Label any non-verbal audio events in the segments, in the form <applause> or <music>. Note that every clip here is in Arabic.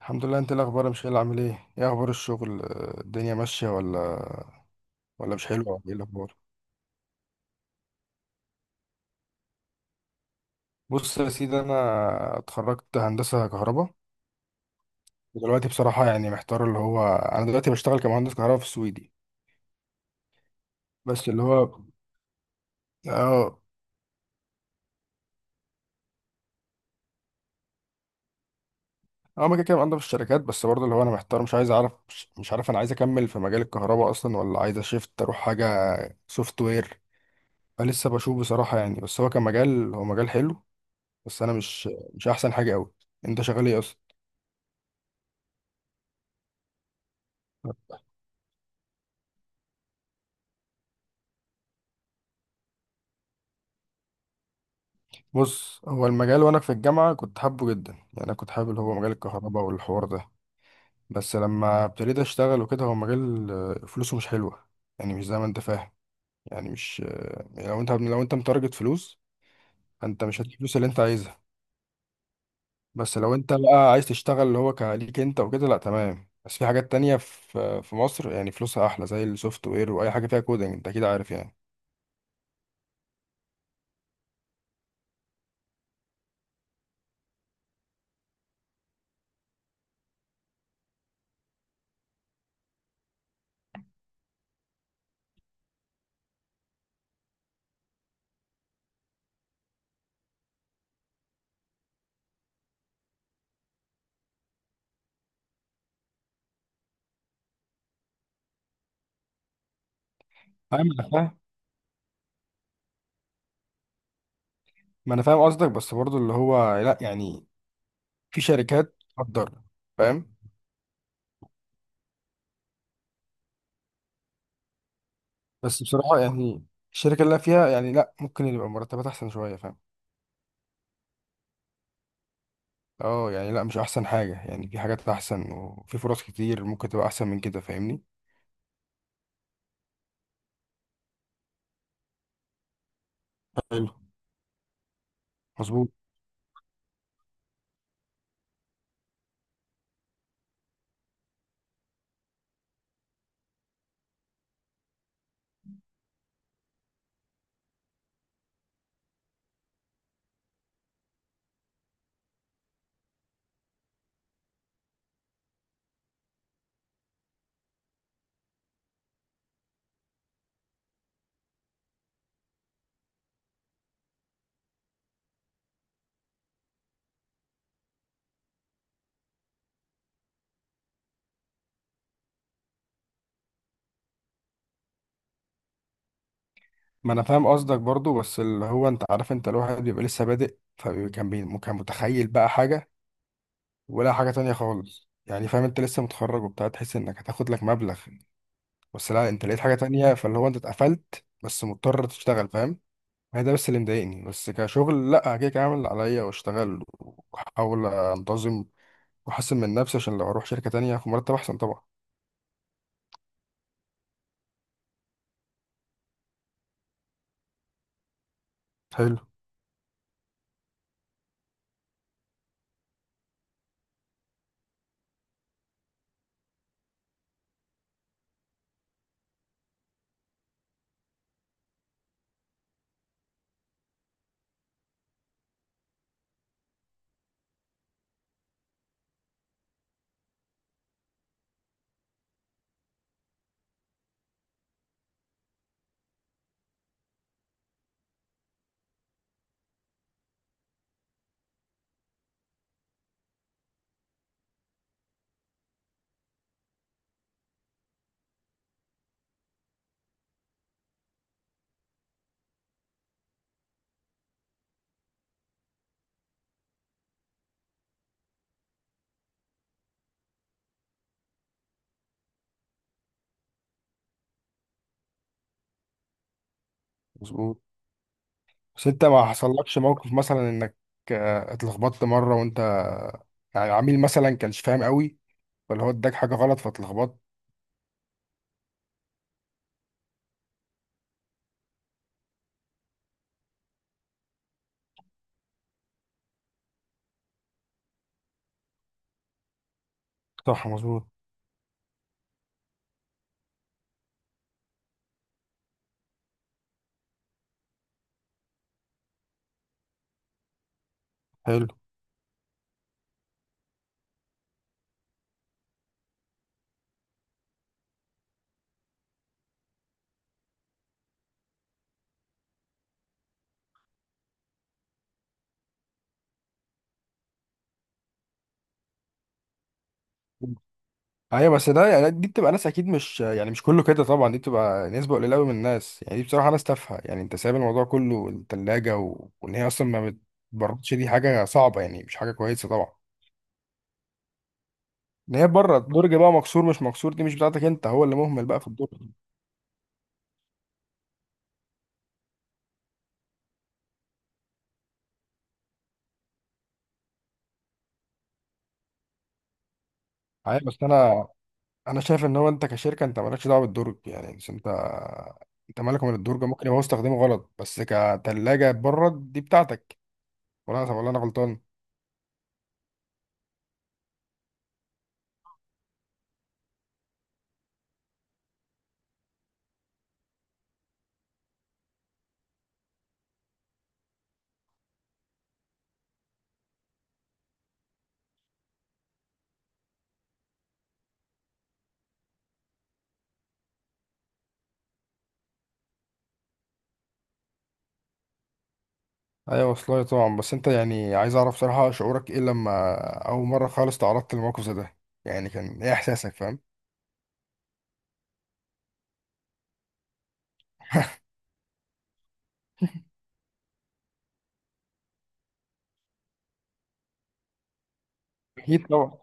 الحمد لله. انت ايه الاخبار يا مشايل؟ عامل ايه؟ ايه اخبار الشغل؟ الدنيا ماشيه ولا مش حلوه؟ ولا ايه الاخبار؟ بص يا سيدي، انا اتخرجت هندسه كهرباء، ودلوقتي بصراحه يعني محتار. اللي هو انا دلوقتي بشتغل كمهندس كهرباء في السويدي، بس اللي هو اه اه ما كده كده بقدم في الشركات، بس برضه اللي هو انا محتار، مش عايز اعرف، مش عارف انا عايز اكمل في مجال الكهرباء اصلا ولا عايز اشيفت اروح حاجه سوفت وير. فلسه بشوف بصراحه يعني، بس هو كمجال هو مجال حلو، بس انا مش احسن حاجه قوي. انت شغال ايه اصلا؟ بص، هو المجال وانا في الجامعه كنت حابه جدا يعني، انا كنت حابب اللي هو مجال الكهرباء والحوار ده، بس لما ابتديت اشتغل وكده هو مجال فلوسه مش حلوه. يعني مش زي ما انت فاهم. يعني مش يعني لو انت متارجت فلوس، فانت مش هتجيب الفلوس اللي انت عايزها. بس لو انت بقى عايز تشتغل اللي هو كليك انت وكده، لا تمام، بس في حاجات تانية في مصر يعني فلوسها احلى، زي السوفت وير واي حاجه فيها كودنج، انت اكيد عارف يعني. فاهم، انا فاهم. ما انا فاهم قصدك، بس برضو اللي هو لا يعني، في شركات تقدر. فاهم. بس بصراحة يعني الشركة اللي أنا فيها يعني لا، ممكن يبقى مرتبات أحسن شوية، فاهم. اه يعني لا، مش أحسن حاجة يعني، في حاجات أحسن وفي فرص كتير ممكن تبقى أحسن من كده، فاهمني. حلو. مظبوط. ما أنا فاهم قصدك برضو، بس اللي هو أنت عارف، أنت الواحد بيبقى لسه بادئ، فكان كان متخيل بقى حاجة ولا حاجة تانية خالص، يعني فاهم، أنت لسه متخرج وبتاع، تحس إنك هتاخد لك مبلغ، بس لا، أنت لقيت حاجة تانية، فاللي هو أنت اتقفلت بس مضطر تشتغل، فاهم. ما هي ده بس اللي مضايقني، بس كشغل لا، كده كده اعمل اللي عليا واشتغل، واحاول انتظم، واحسن من نفسي عشان لو اروح شركة تانية في مرتب احسن طبعا. حلو. مظبوط. بس انت ما حصلكش موقف مثلا انك اتلخبطت مرة، وانت يعني عميل مثلا كانش فاهم قوي، ولا هو اداك حاجة غلط فاتلخبطت؟ صح. مظبوط. حلو. ايوه، بس ده يعني دي بتبقى ناس اكيد، مش يعني مش كله كده طبعا، دي بتبقى نسبه قليله قوي من الناس، يعني دي بصراحه ناس تافهه، يعني انت سايب الموضوع كله، الثلاجه وان هي اصلا ما بتبردش، دي حاجه صعبه، يعني مش حاجه كويسه طبعا. ان هي بره الدرج بقى مكسور، مش مكسور دي مش بتاعتك انت، هو اللي مهمل بقى في الدرج. عارف، بس انا انا شايف ان هو انت كشركه انت مالكش دعوه بالدرج يعني، بس انت انت مالك من الدرج، ممكن يبقى هو استخدامه غلط، بس كثلاجه برد دي بتاعتك، ولا انا غلطان؟ ايوه والله طبعا. بس انت يعني، عايز اعرف صراحة شعورك ايه لما اول مرة خالص تعرضت للموقف زي ده؟ يعني كان ايه احساسك، فاهم؟ اكيد طبعا.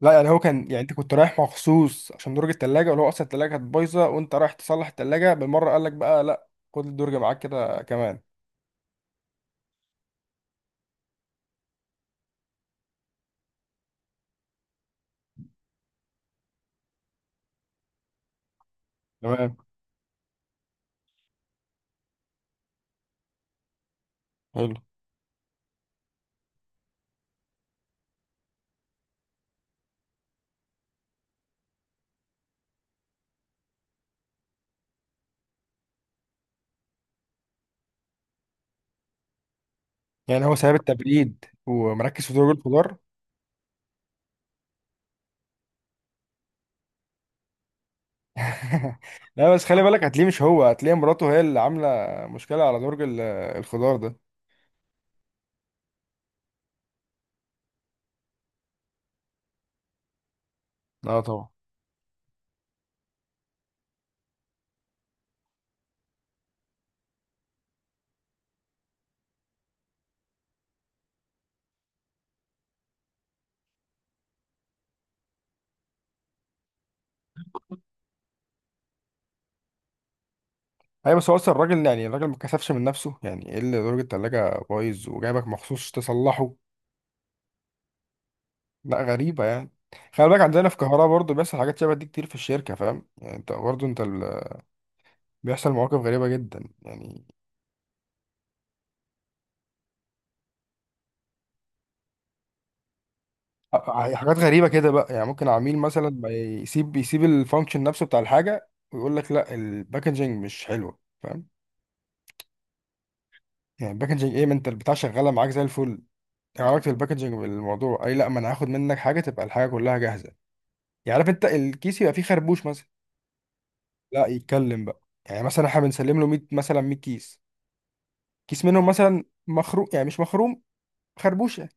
لا يعني، هو كان يعني، انت كنت رايح مخصوص عشان درج التلاجة، ولا هو اصلا التلاجة كانت بايظة وانت رايح تصلح التلاجة بالمرة، قال لك بقى لا، خد الدرج معاك كده كمان؟ تمام. حلو. يعني هو ساب التبريد ومركز في درج الخضار. <laughs> لا بس خلي بالك، هتلاقيه مش هو، هتلاقي مراته هي اللي عاملة مشكلة على درج الخضار ده. اه طبعا. ايوه، بس هو اصلا الراجل يعني، الراجل ما كسفش من نفسه يعني، ايه اللي درجة التلاجة بايظ وجايبك مخصوص تصلحه؟ لا غريبة يعني. خلي بالك، عندنا في القاهرة برضه بيحصل حاجات شبه دي كتير في الشركة، فاهم يعني، انت برضه انت بيحصل مواقف غريبة جدا يعني. حاجات غريبة كده بقى يعني، ممكن عميل مثلا ما يسيب الفانكشن نفسه بتاع الحاجة ويقول لك لا، الباكجينج مش حلوة، فاهم؟ يعني الباكجينج ايه؟ ما انت البتاع شغالة معاك زي الفل، يعني علاقة الباكجينج بالموضوع اي؟ لا، ما انا هاخد منك حاجة تبقى الحاجة كلها جاهزة. يعني عارف انت، الكيس يبقى فيه خربوش مثلا، لا يتكلم بقى يعني، مثلا احنا بنسلم له 100، مثلا 100 كيس، كيس منهم مثلا مخروم، يعني مش مخروم، خربوشه،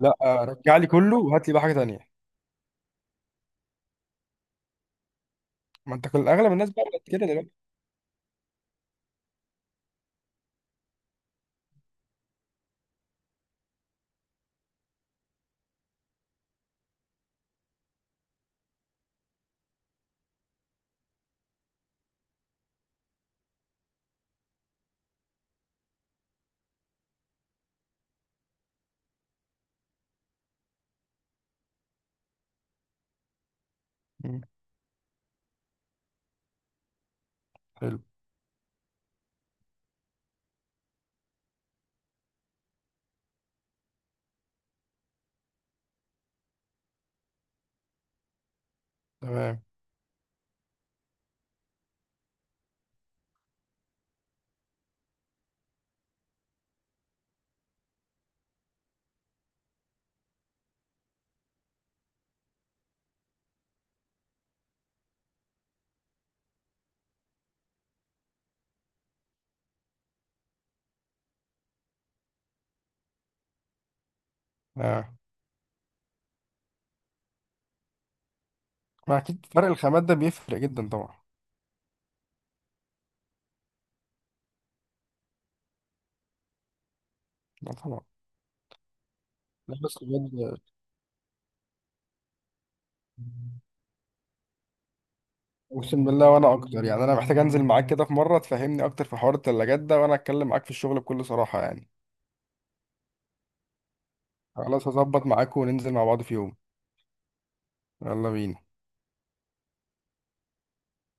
لا رجع لي كله وهات لي بقى حاجه تانيه. ما انت كل اغلب الناس بقى بقت كده دلوقتي. مم. حلو. تمام. آه. ما اكيد فرق الخامات ده بيفرق جدا طبعا. لا طبعا. لا بس بجد، اقسم بالله، وانا اكتر يعني، انا محتاج انزل معاك كده في مره تفهمني اكتر في حوار التلاجات ده، وانا اتكلم معاك في الشغل بكل صراحه يعني. خلاص، هظبط معاك وننزل مع بعض في يوم. يلا بينا.